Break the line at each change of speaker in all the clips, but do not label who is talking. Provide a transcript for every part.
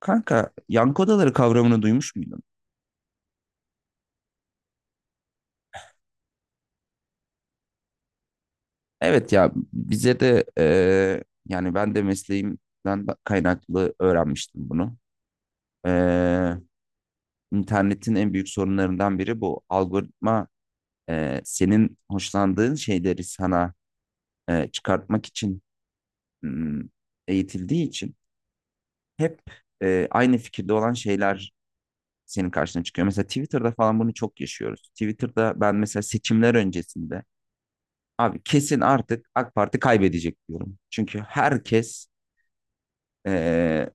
Kanka yankı odaları kavramını duymuş muydun? Evet ya bize de yani ben de mesleğimden kaynaklı öğrenmiştim bunu. Eee internetin en büyük sorunlarından biri bu. Algoritma senin hoşlandığın şeyleri sana çıkartmak için hmm, eğitildiği için hep aynı fikirde olan şeyler senin karşına çıkıyor. Mesela Twitter'da falan bunu çok yaşıyoruz. Twitter'da ben mesela seçimler öncesinde abi kesin artık AK Parti kaybedecek diyorum. Çünkü herkes eee,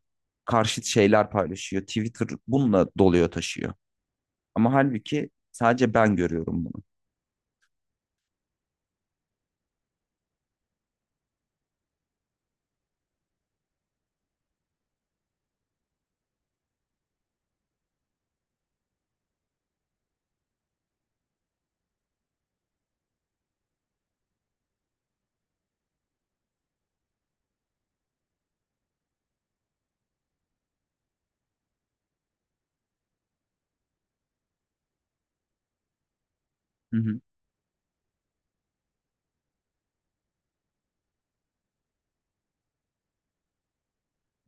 karşıt şeyler paylaşıyor. Twitter bununla doluyor taşıyor. Ama halbuki sadece ben görüyorum bunu. Hı hı,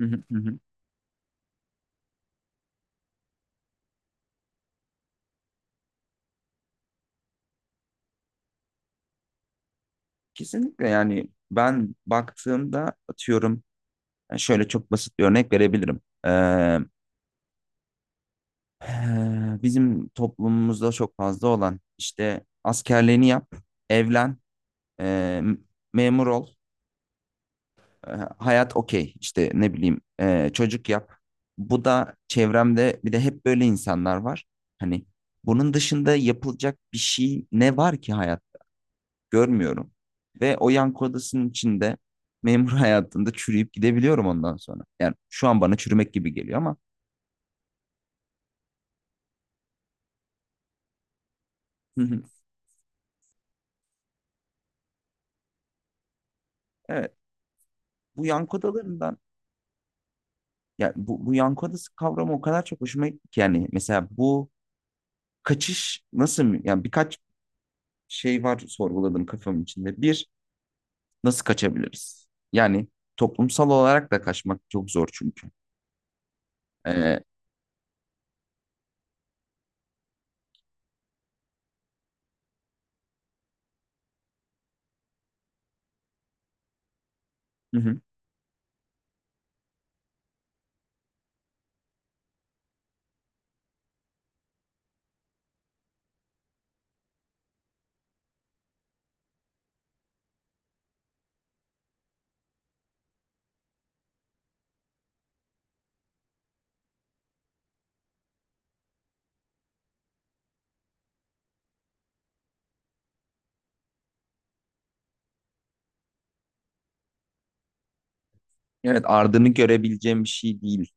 hı hı, hı hı. Kesinlikle, yani ben baktığımda atıyorum, yani şöyle çok basit bir örnek verebilirim. Bizim toplumumuzda çok fazla olan işte, askerliğini yap, evlen, eee, memur ol. E, Hayat okey işte, ne bileyim, çocuk yap. Bu da, çevremde bir de hep böyle insanlar var. Hani bunun dışında yapılacak bir şey ne var ki hayat, görmüyorum. Ve o yankı odasının içinde memur hayatında çürüyüp gidebiliyorum ondan sonra. Yani şu an bana çürümek gibi geliyor ama. Evet, bu yankı odalarından, ya bu, bu yankı odası kavramı o kadar çok hoşuma gitti ki, yani mesela bu kaçış nasıl, yani birkaç şey var sorguladım kafamın içinde. Bir, nasıl kaçabiliriz? Yani toplumsal olarak da kaçmak çok zor çünkü. Ee, hı hı. Evet, ardını görebileceğim bir şey değil.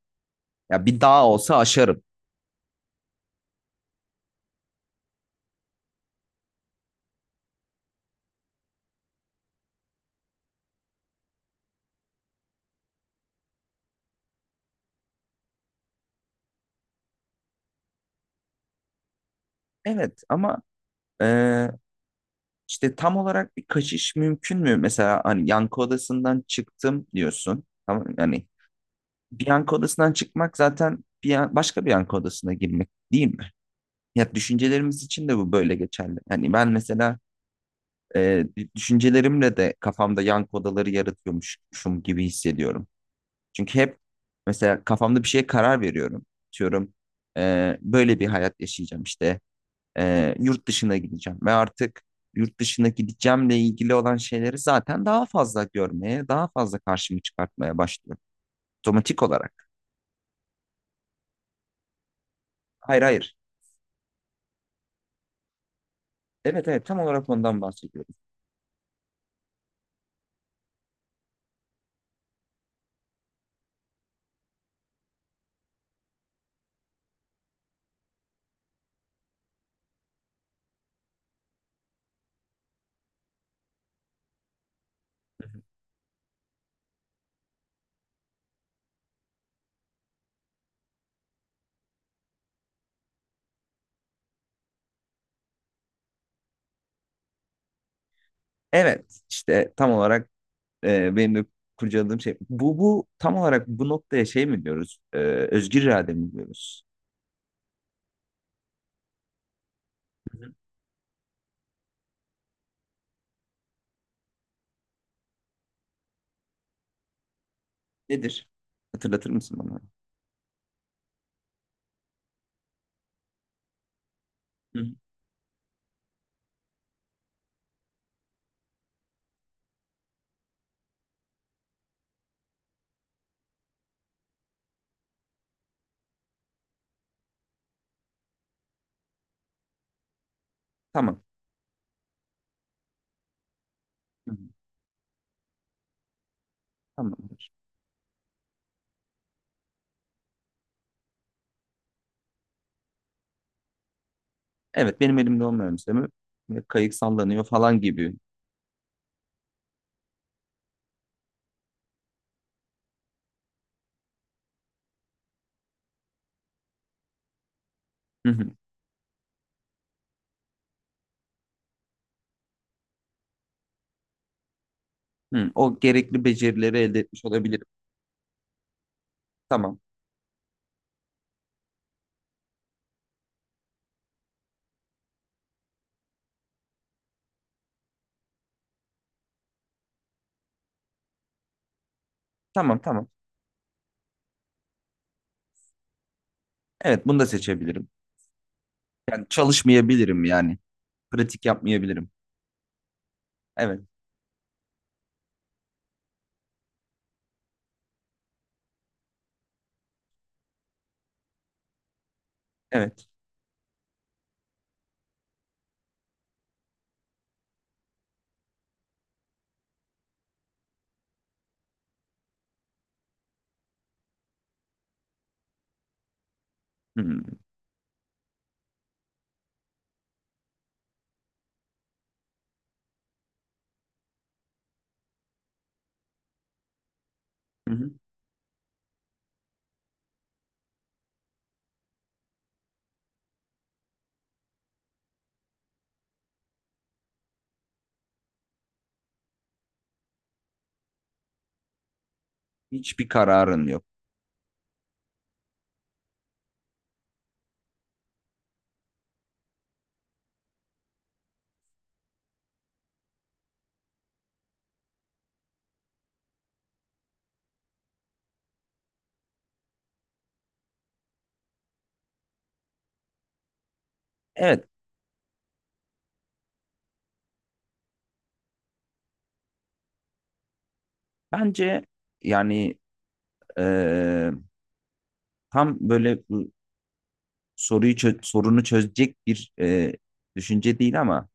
Ya bir dağ olsa aşarım. Evet ama e, işte tam olarak bir kaçış mümkün mü? Mesela hani yankı odasından çıktım diyorsun. Tamam yani, bir yankı odasından çıkmak zaten bir başka bir yankı odasına girmek değil mi? Ya düşüncelerimiz için de bu böyle geçerli. Yani ben mesela e, düşüncelerimle de kafamda yankı odaları yaratıyormuşum gibi hissediyorum. Çünkü hep mesela kafamda bir şeye karar veriyorum. Diyorum böyle bir hayat yaşayacağım işte. Yurt dışına gideceğim ve artık yurt dışına gideceğimle ilgili olan şeyleri zaten daha fazla görmeye, daha fazla karşımı çıkartmaya başlıyorum. Otomatik olarak. Hayır hayır. Evet evet, tam olarak ondan bahsediyorum. Evet, işte tam olarak benim de kurcaladığım şey bu, bu tam olarak bu noktaya şey mi diyoruz? Özgür irade mi diyoruz? Nedir? Hatırlatır mısın bana? Hı. Tamam. Tamamdır. Evet, benim elimde olmayan bir şey mi? Ve kayık sallanıyor falan gibi. Hı hı. Hı, o gerekli becerileri elde etmiş olabilirim. Tamam. Tamam tamam. Evet, bunu da seçebilirim. Yani çalışmayabilirim yani. Pratik yapmayabilirim. Evet. Evet. Hı hı. Hı hı. Hiçbir kararın yok. Evet. Bence, yani eee, tam böyle, bu soruyu sorunu çözecek bir düşünce değil, ama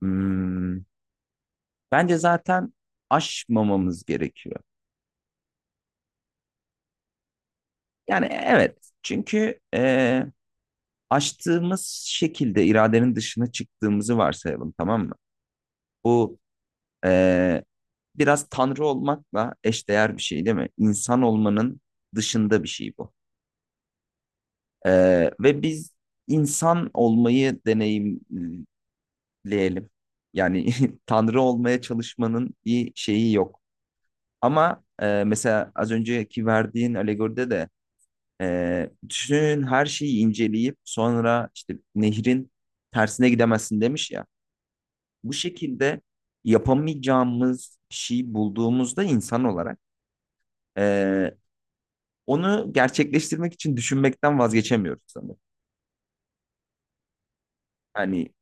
hmm, bence zaten aşmamamız gerekiyor. Yani evet, çünkü açtığımız şekilde iradenin dışına çıktığımızı varsayalım, tamam mı? Bu e, biraz tanrı olmakla eşdeğer bir şey değil mi? İnsan olmanın dışında bir şey bu. E, Ve biz insan olmayı deneyimleyelim. Yani tanrı olmaya çalışmanın bir şeyi yok. Ama mesela az önceki verdiğin alegoride de bütün her şeyi inceleyip sonra işte nehrin tersine gidemezsin demiş ya. Bu şekilde yapamayacağımız bir şey bulduğumuzda insan olarak, ee, onu gerçekleştirmek için düşünmekten vazgeçemiyoruz sanırım. Hani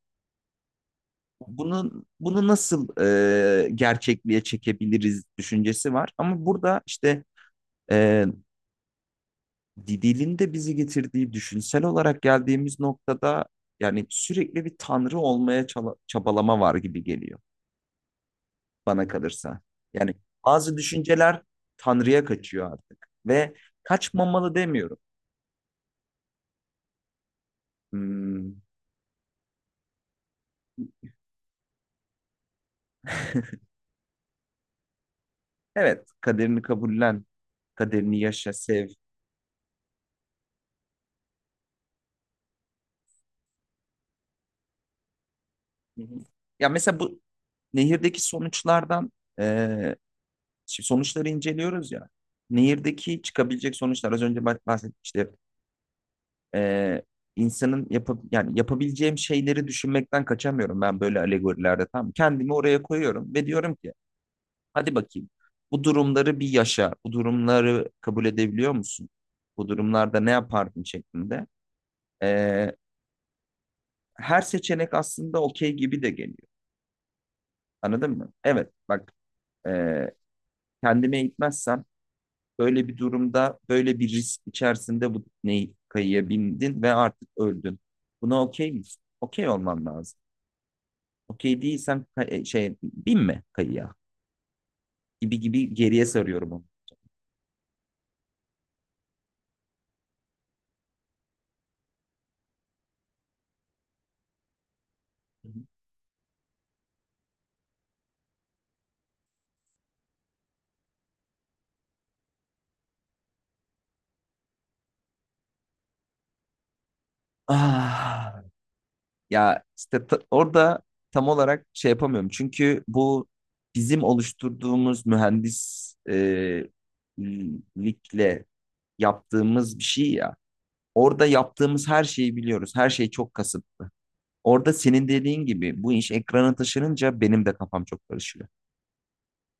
bunun, bunu nasıl gerçekliğe çekebiliriz düşüncesi var. Ama burada işte ee, dilin de bizi getirdiği, düşünsel olarak geldiğimiz noktada, yani sürekli bir tanrı olmaya çabalama var gibi geliyor bana kalırsa. Yani bazı düşünceler tanrıya kaçıyor artık, ve kaçmamalı demiyorum. Hmm, evet, kaderini kabullen, kaderini yaşa, sev. Hı hı. Ya mesela bu nehirdeki sonuçlardan, eee, şimdi sonuçları inceliyoruz ya. Nehirdeki çıkabilecek sonuçlar az önce bahsetmiştim işte, e, insanın yani yapabileceğim şeyleri düşünmekten kaçamıyorum ben böyle alegorilerde tam. Kendimi oraya koyuyorum ve diyorum ki, hadi bakayım, bu durumları bir yaşa, bu durumları kabul edebiliyor musun? Bu durumlarda ne yapardın şeklinde. E, Her seçenek aslında okey gibi de geliyor. Anladın mı? Evet bak, e, kendime eğitmezsem böyle bir durumda, böyle bir risk içerisinde, bu tekneyi kayıya bindin ve artık öldün. Buna okey misin? Okey olman lazım. Okey değilsem şey, bin mi kayıya, gibi gibi geriye sarıyorum onu. Hı hı. Ah, ya işte orada tam olarak şey yapamıyorum. Çünkü bu bizim oluşturduğumuz mühendislikle yaptığımız bir şey ya. Orada yaptığımız her şeyi biliyoruz. Her şey çok kasıtlı. Orada senin dediğin gibi bu iş ekrana taşınınca benim de kafam çok karışıyor.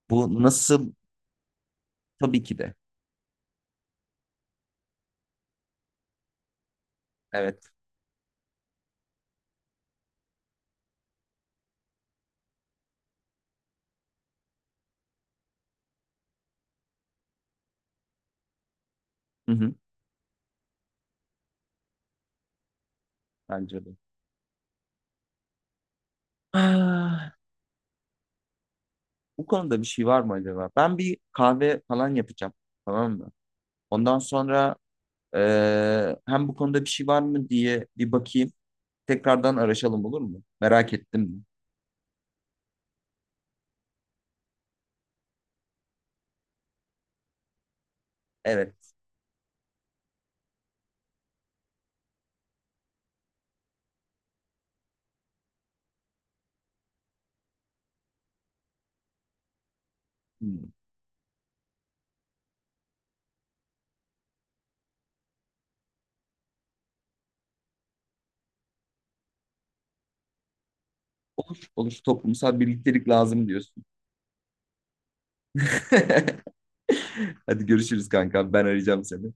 Bu nasıl? Tabii ki de. Evet. Hı hı, bence de. Ah, bu konuda bir şey var mı acaba? Ben bir kahve falan yapacağım. Tamam mı? Ondan sonra hem bu konuda bir şey var mı diye bir bakayım. Tekrardan araşalım, olur mu? Merak ettim. Evet. Hmm. Olur. Toplumsal birliktelik lazım diyorsun. Hadi görüşürüz kanka. Ben arayacağım seni.